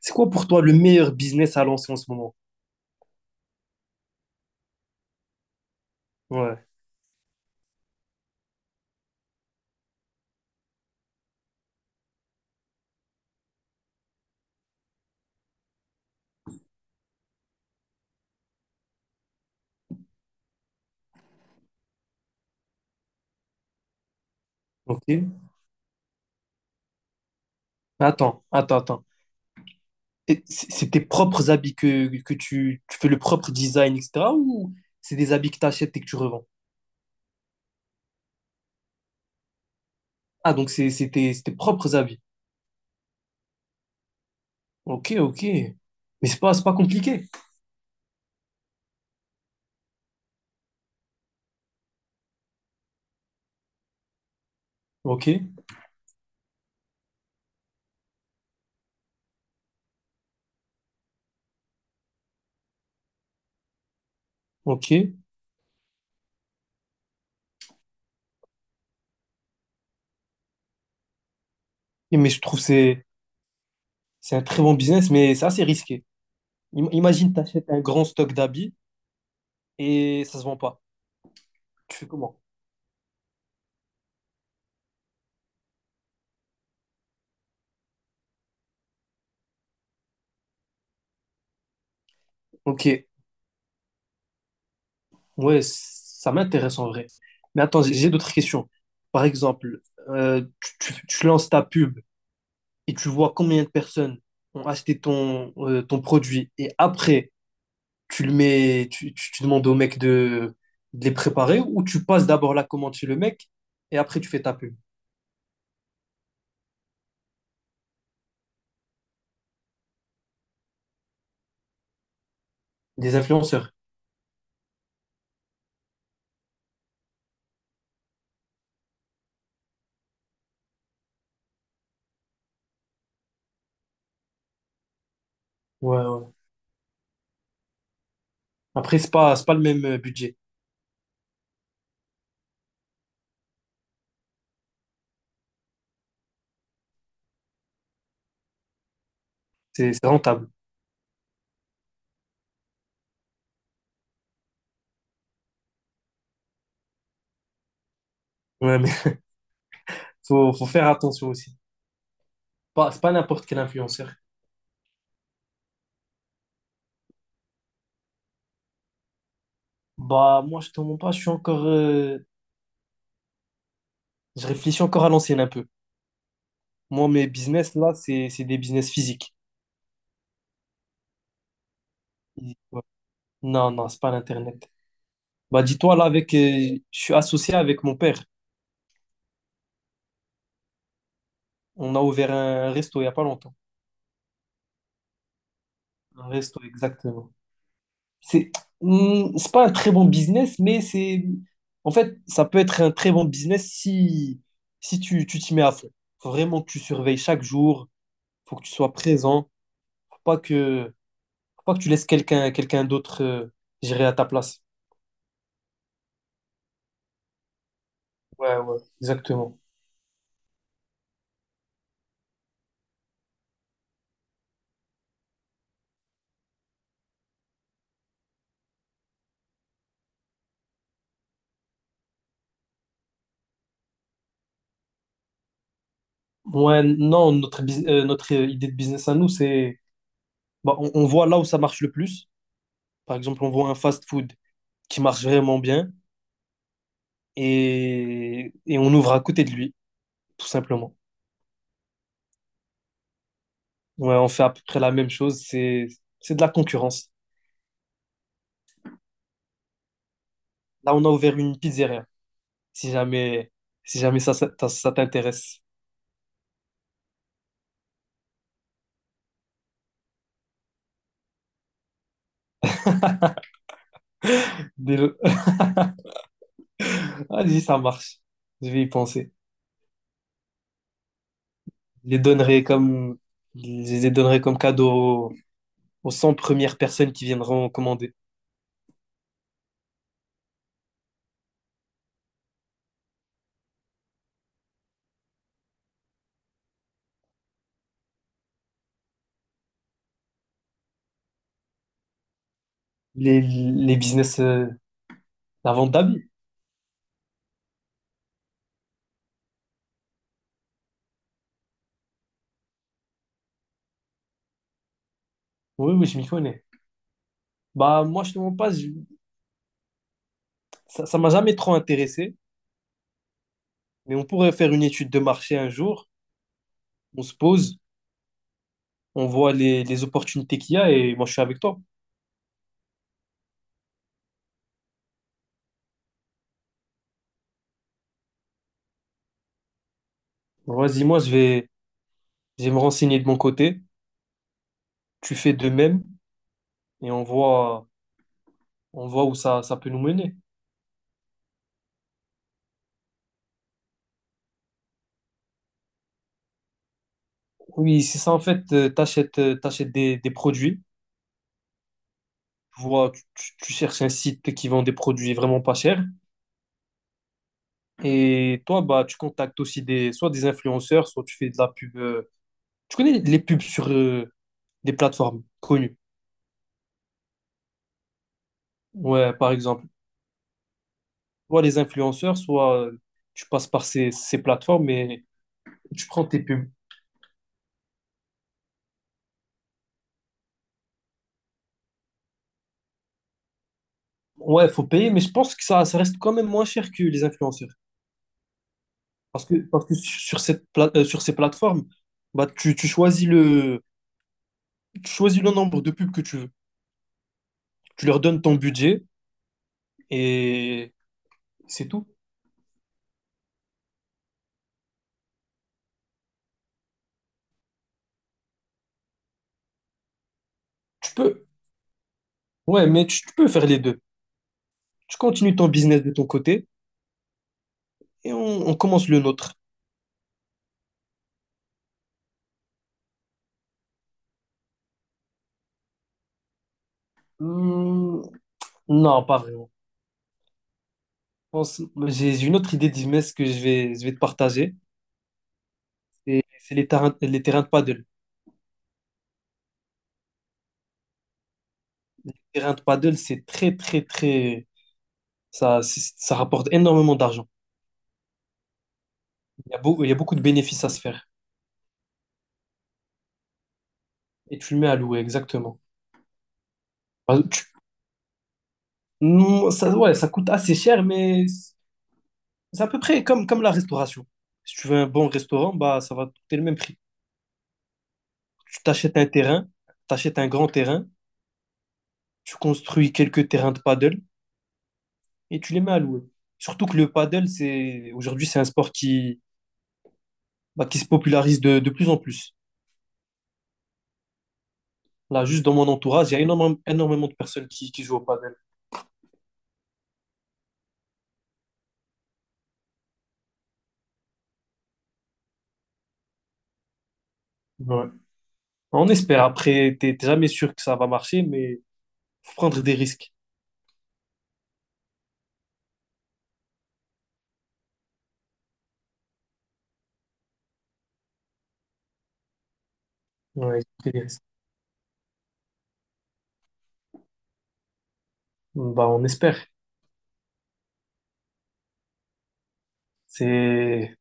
C'est quoi pour toi le meilleur business à lancer en ce moment? Ouais, ok. Attends, attends, attends. Et c'est tes propres habits que tu fais le propre design, etc. Ou c'est des habits que tu achètes et que tu revends? Ah, donc c'est tes propres habits. Ok, ok. Mais c'est pas compliqué. Ok, ok. Mais je trouve que c'est un très bon business, mais c'est assez risqué. Imagine, tu achètes un grand stock d'habits et ça se vend pas. Tu fais comment? Ok, ouais, ça m'intéresse en vrai. Mais attends, j'ai d'autres questions. Par exemple, euh, tu lances ta pub et tu vois combien de personnes ont acheté ton produit et après, tu le mets, tu- tu demandes au mec de les préparer ou tu passes d'abord la commande chez le mec et après tu fais ta pub. Des influenceurs. Ouais, ouais. Après, c'est pas le même budget. C'est rentable. Ouais, mais faut faire attention aussi. Pas, c'est pas n'importe quel influenceur. Bah, moi, je te mens pas, je réfléchis encore à l'ancienne un peu. Moi, mes business, là, c'est des business physiques. Ouais. Non, non, c'est pas l'Internet. Bah, dis-toi, là, je suis associé avec mon père. On a ouvert un resto il y a pas longtemps. Un resto, exactement. C'est c'est pas un très bon business, mais c'est... En fait, ça peut être un très bon business si tu t'y mets à fond. Faut vraiment que tu surveilles chaque jour. Faut que tu sois présent. Faut pas que, faut pas que tu laisses quelqu'un d'autre gérer à ta place. Ouais, ouais, exactement. Ouais, non, notre idée de business à nous, c'est, bah, on voit là où ça marche le plus. Par exemple, on voit un fast-food qui marche vraiment bien et on ouvre à côté de lui, tout simplement. Ouais, on fait à peu près la même chose, c'est de la concurrence. Là, on a ouvert une pizzeria, si jamais, si jamais ça t'intéresse. Dès le- Vas-y, ça marche. Je vais y penser. Je les donnerai comme, je les donnerai comme cadeau aux 100 premières personnes qui viendront commander. Les business, la vente d'habits. Oui, oui, je m'y connais. Bah, moi, je te mens pas, ça m'a jamais trop intéressé, mais on pourrait faire une étude de marché un jour. On se pose, on voit les opportunités qu'il y a et moi, je suis avec toi. Vas-y, moi, je vais me renseigner de mon côté. Tu fais de même et on voit où ça peut nous mener. Oui, c'est ça, en fait, t'achètes des produits. Tu vois, tu cherches un site qui vend des produits vraiment pas chers. Et toi, bah, tu contactes aussi soit des influenceurs, soit tu fais de la pub, tu connais les pubs sur des plateformes connues. Ouais, par exemple. Soit les influenceurs, soit tu passes par ces plateformes et tu prends tes pubs. Ouais, faut payer, mais je pense que ça reste quand même moins cher que les influenceurs. Parce que sur sur ces plateformes, bah, tu choisis le nombre de pubs que tu veux. Tu leur donnes ton budget et c'est tout. Tu peux. Ouais, mais tu peux faire les deux. Tu continues ton business de ton côté et on commence le nôtre. Hmm, non, pas vraiment. Je pense- j'ai une autre idée de business que je vais te partager. C'est les terrains de paddle. Les terrains de paddle, c'est très, très, très. Ça, ça rapporte énormément d'argent. Il y a beaucoup de bénéfices à se faire. Et tu le mets à louer, exactement. Bah, non, ça, ouais, ça coûte assez cher, mais c'est à peu près comme la restauration. Si tu veux un bon restaurant, bah, ça va te coûter le même prix. Tu t'achètes un grand terrain. Tu construis quelques terrains de paddle et tu les mets à louer. Surtout que le paddle, c'est aujourd'hui, c'est un sport qui se popularise de plus en plus. Là, juste dans mon entourage, il y a énormément, énormément de personnes qui jouent au paddle. Ouais. On espère. Après, t'es jamais sûr que ça va marcher, mais faut prendre des risques. Ouais, des risques. Bah, on espère. C'est,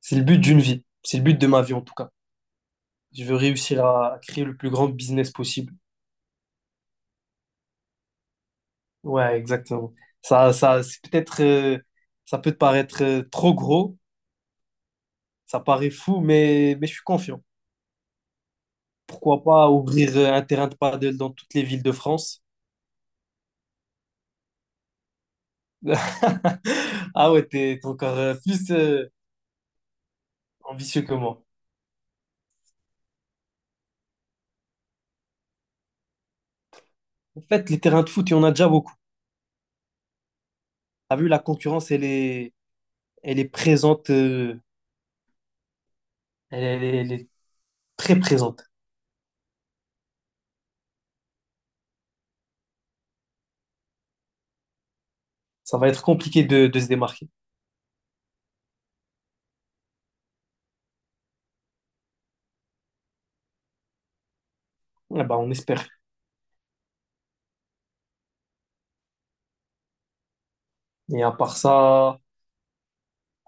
c'est le but d'une vie. C'est le but de ma vie, en tout cas. Je veux réussir à créer le plus grand business possible. Ouais, exactement. Ça, c'est peut-être, ça peut te paraître trop gros. Ça paraît fou, mais je suis confiant. Pourquoi pas ouvrir un terrain de paddle dans toutes les villes de France? Ah ouais, t'es encore plus ambitieux que moi. En fait, les terrains de foot, il y en a déjà beaucoup. T'as vu, la concurrence, elle est présente, elle est très présente. Ça va être compliqué de se démarquer. Eh ben, on espère. Et à part ça,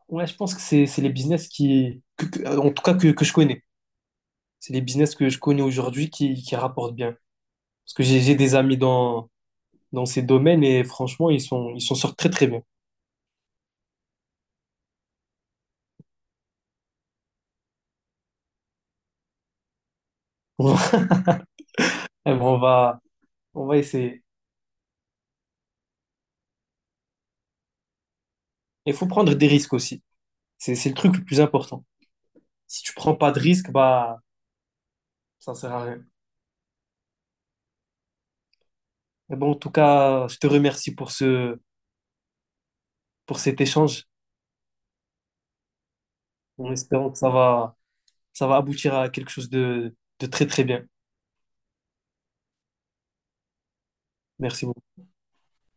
ouais, je pense que c'est les business qui, que- en tout cas que je connais. C'est les business que je connais aujourd'hui qui rapportent bien. Parce que j'ai des amis dans ces domaines et franchement, ils s'en sortent très très bien. On va, on va, on va essayer. Il faut prendre des risques aussi. C'est le truc le plus important. Si tu prends pas de risques, bah, ça sert à rien. Et bon, en tout cas, je te remercie pour cet échange en espérant que ça va aboutir à quelque chose de très très bien. Merci beaucoup.